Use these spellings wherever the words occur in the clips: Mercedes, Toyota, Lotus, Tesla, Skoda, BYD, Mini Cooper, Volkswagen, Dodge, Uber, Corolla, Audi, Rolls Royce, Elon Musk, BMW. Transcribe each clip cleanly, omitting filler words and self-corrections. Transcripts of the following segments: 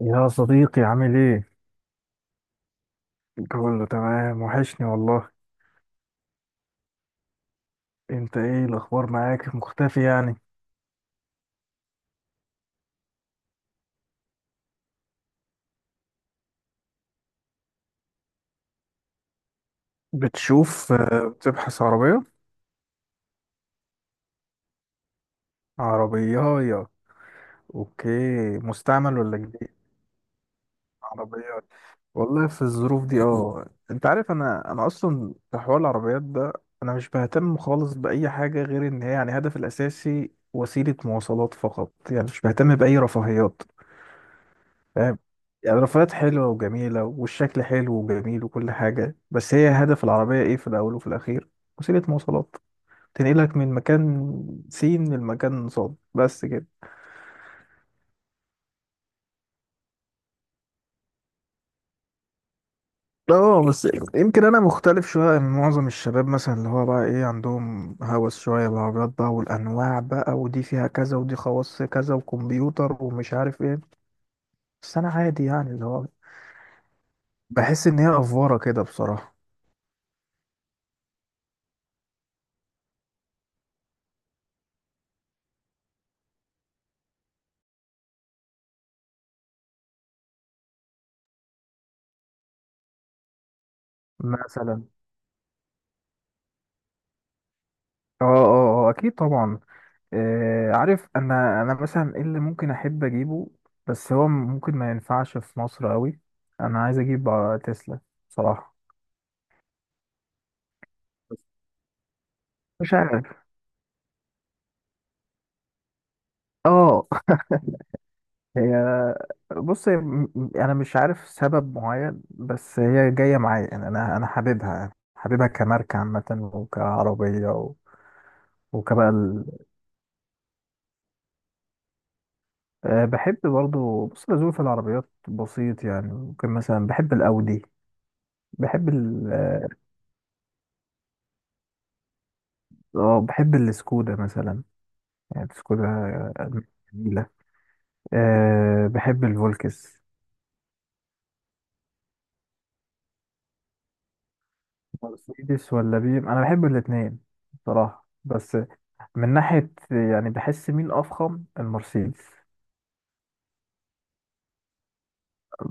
يا صديقي، عامل ايه؟ كله تمام، وحشني والله. انت ايه الاخبار؟ معاك مختفي يعني. بتشوف، بتبحث عربية. عربية، اوكي. مستعمل ولا جديد؟ عربية؟ والله في الظروف دي، انت عارف. انا اصلا في حوار العربيات ده، انا مش بهتم خالص باي حاجة غير ان هي يعني هدفي الاساسي وسيلة مواصلات فقط، يعني مش بهتم باي رفاهيات. فاهم؟ يعني الرفاهيات حلوة وجميلة، والشكل حلو وجميل وكل حاجة، بس هي هدف العربية ايه في الأول وفي الأخير؟ وسيلة مواصلات. تنقلك من مكان سين لمكان صاد، بس كده. اه بس، يمكن انا مختلف شويه من معظم الشباب، مثلا اللي هو بقى ايه، عندهم هوس شويه بالعربيات بقى، والانواع بقى، ودي فيها كذا ودي خواص كذا وكمبيوتر ومش عارف ايه. بس انا عادي يعني، اللي هو، بحس ان هي افوره كده بصراحه. مثلا، اه اه اه، اكيد طبعا. عارف، انا مثلا ايه اللي ممكن احب اجيبه، بس هو ممكن ما ينفعش في مصر قوي. انا عايز اجيب تسلا، بصراحة. مش عارف، اه. هي، بص هي، انا مش عارف سبب معين، بس هي جاية معايا يعني. انا حاببها، حاببها كماركة عامة، وكعربية. و... وكبقى ال... آه، بحب برضو. بص، أنا ذوقي في العربيات بسيط، يعني ممكن مثلا بحب الاودي، بحب ال اه بحب السكودا مثلا. يعني كلها جميلة. بحب الفولكس. مرسيدس ولا بي ام، انا بحب الاتنين بصراحة. بس من ناحية يعني، بحس مين افخم؟ المرسيدس.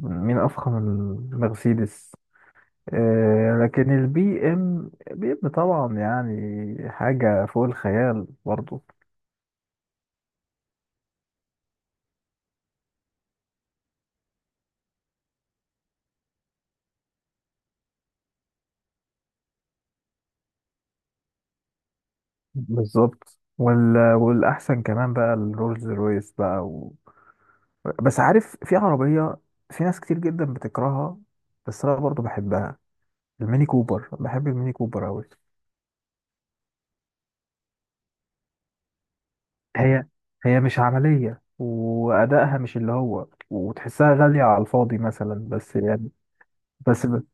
مين افخم؟ المرسيدس. لكن البي ام، بي ام طبعا يعني حاجة فوق الخيال برضو. بالظبط. والاحسن كمان بقى الرولز رويس بقى. بس عارف، في عربية في ناس كتير جدا بتكرهها، بس انا برضو بحبها. الميني كوبر. بحب الميني كوبر أوي. هي، هي مش عملية، وأدائها مش اللي هو، وتحسها غالية على الفاضي مثلا، بس يعني. بس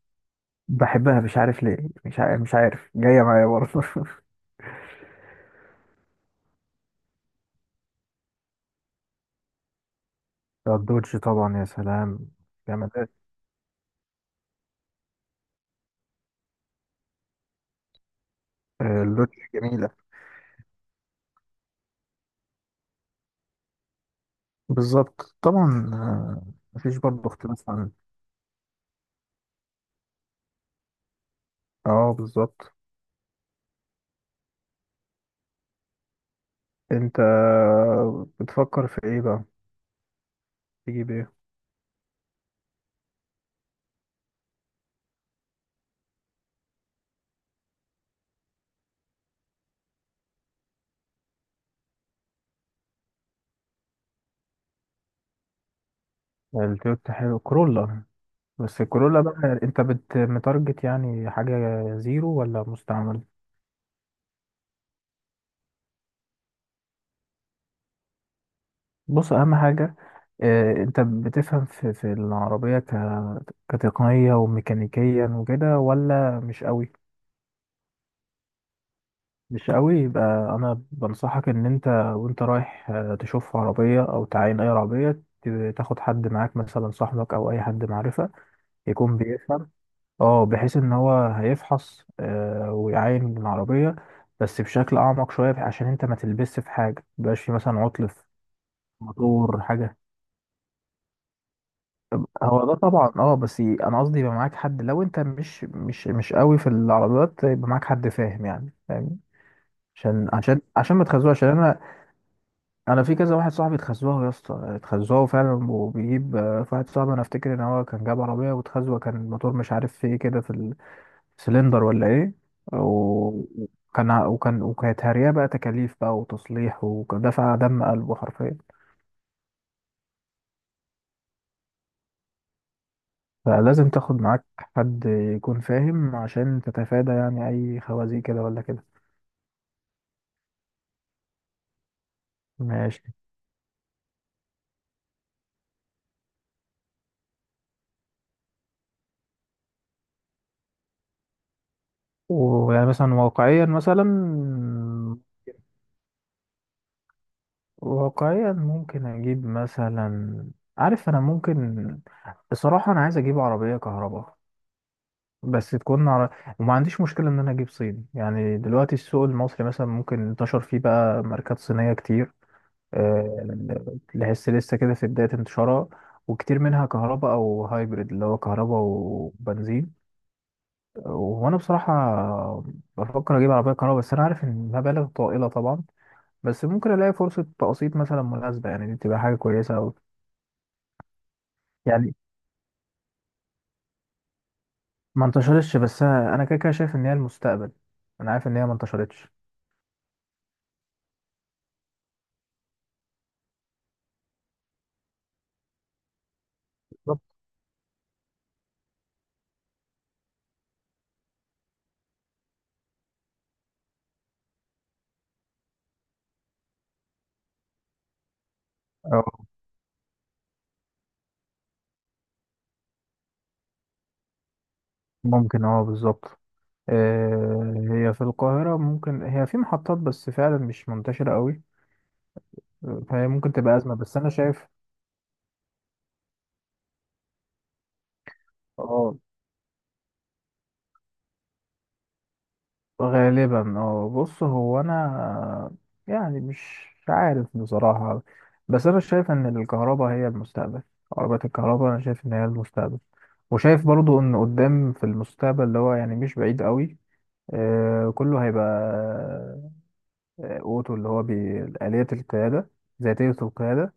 بحبها، مش عارف ليه، مش عارف، مش عارف، جاية معايا برضه. الدوج طبعا، يا سلام، جمالات. اللوتش جميلة. بالظبط طبعا. مفيش برضه اختلاف. اه بالظبط. انت بتفكر في ايه بقى؟ تجيب ايه؟ التويوتا حلو، كرولا. بس الكورولا بقى، انت بت متارجت يعني حاجة زيرو ولا مستعمل؟ بص، اهم حاجة، اه، انت بتفهم في العربية، كتقنية وميكانيكيا وكده، ولا مش قوي؟ مش قوي؟ يبقى انا بنصحك ان انت، وانت رايح تشوف عربية او تعاين اي عربية، تاخد حد معاك مثلا، صاحبك او اي حد معرفة، يكون بيفهم. اه، بحيث ان هو هيفحص، ويعاين من العربية، بس بشكل اعمق شوية، عشان انت ما تلبسش في حاجة، مبقاش في مثلا عطل في موتور حاجة. هو ده طبعا، اه. بس انا قصدي يبقى معاك حد، لو انت مش قوي في العربيات، يبقى معاك حد فاهم يعني، فاهم. عشان ما تخزوها، عشان انا، انا في كذا واحد صاحبي اتخزوها، يا اسطى اتخزوها فعلا. وبيجيب، في واحد صاحبي انا افتكر ان هو كان جاب عربيه واتخزوه، كان الموتور مش عارف في ايه كده، في سلندر ولا ايه. و- وكان وكانت هارية بقى، تكاليف بقى وتصليح، ودفع دم قلبه حرفيا. فلازم تاخد معاك حد يكون فاهم، عشان تتفادى يعني اي خوازيق كده ولا كده. ماشي. ويعني مثلا واقعيا، مثلا واقعيا ممكن اجيب مثلا، عارف انا ممكن، بصراحة انا عايز اجيب عربية كهرباء، بس تكون على، وما عنديش مشكلة ان انا اجيب صيني. يعني دلوقتي السوق المصري مثلا ممكن انتشر فيه بقى ماركات صينية كتير. آه، لسه لسه كده في بداية انتشارها، وكتير منها كهرباء او هايبريد، اللي هو كهرباء وبنزين. وانا بصراحة بفكر اجيب عربية كهرباء، بس انا عارف ان مبالغ طائلة طبعا، بس ممكن الاقي فرصة تقسيط مثلا مناسبة، يعني دي تبقى حاجة كويسة اوي. يعني ما انتشرتش، بس انا كده كده شايف ان هي المستقبل. انا عارف ان هي ما انتشرتش. بالظبط. ممكن، اه بالظبط. هي في القاهرة ممكن، هي في محطات، بس فعلا مش منتشرة قوي، فهي ممكن تبقى أزمة، بس أنا شايف. اه، غالبا اه. بص هو أنا، يعني مش عارف بصراحة، بس أنا شايف إن الكهرباء هي المستقبل. عربيات الكهرباء أنا شايف إن هي المستقبل، وشايف برضو إن قدام في المستقبل اللي هو يعني مش بعيد قوي، كله هيبقى أوتو، اللي هو بآليات القيادة، ذاتية القيادة.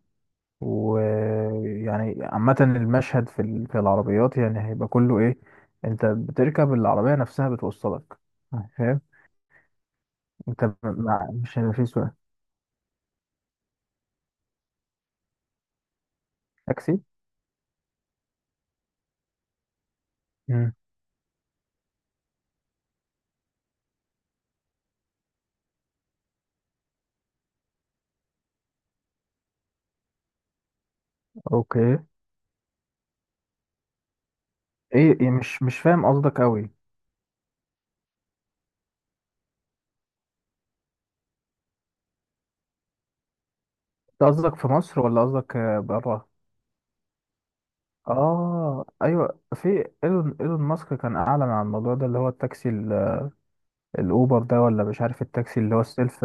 ويعني عامة المشهد، في العربيات يعني هيبقى كله ايه، انت بتركب العربية نفسها بتوصلك. فاهم؟ انت م- مع مش هيبقى في سواق تاكسي. مم. اوكي. ايه إيه، مش فاهم قصدك قوي انت. قصدك في مصر ولا قصدك بره؟ اه ايوه، في ايلون ماسك كان اعلن عن الموضوع ده، اللي هو التاكسي الاوبر ده، ولا مش عارف، التاكسي اللي هو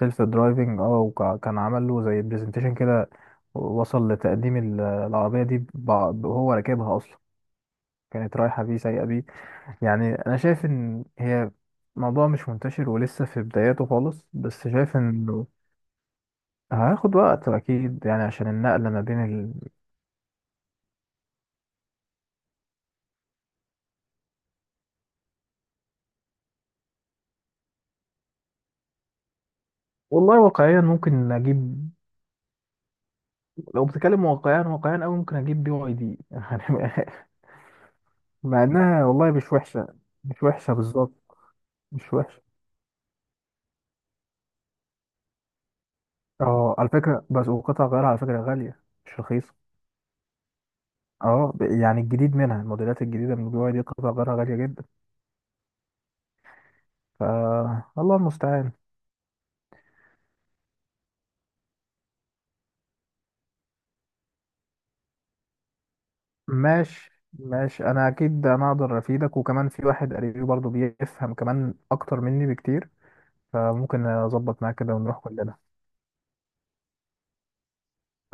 سيلف درايفنج اه وكان عمل له زي برزنتيشن كده، وصل لتقديم العربية دي وهو راكبها أصلا، كانت رايحة بيه، سايقة بيه. يعني أنا شايف إن هي موضوع مش منتشر ولسه في بداياته خالص، بس شايف إنه هياخد وقت أكيد يعني، عشان النقلة ما بين ال... والله واقعيا ممكن أجيب، لو بتتكلم واقعيا، واقعيا أوي ممكن أجيب BYD، يعني. مع إنها والله مش وحشة، مش وحشة بالظبط. مش وحش. اه على فكرة، بس وقطع غيارها على فكرة غالية، مش رخيصة. اه، يعني الجديد منها، الموديلات الجديدة من البي واي دي قطع غيارها غالية جدا. ف، الله المستعان. ماشي. ماشي، انا اكيد انا اقدر افيدك، وكمان في واحد قريبي برضه بيفهم كمان اكتر مني بكتير، فممكن اظبط معاك كده ونروح كلنا.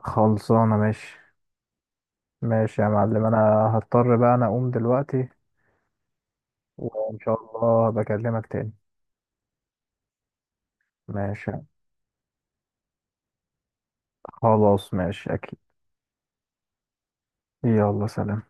خلصانة، ماشي. ماشي يا معلم، انا هضطر بقى انا اقوم دلوقتي. وان شاء الله بكلمك تاني. ماشي خلاص، ماشي اكيد. يلا، سلام.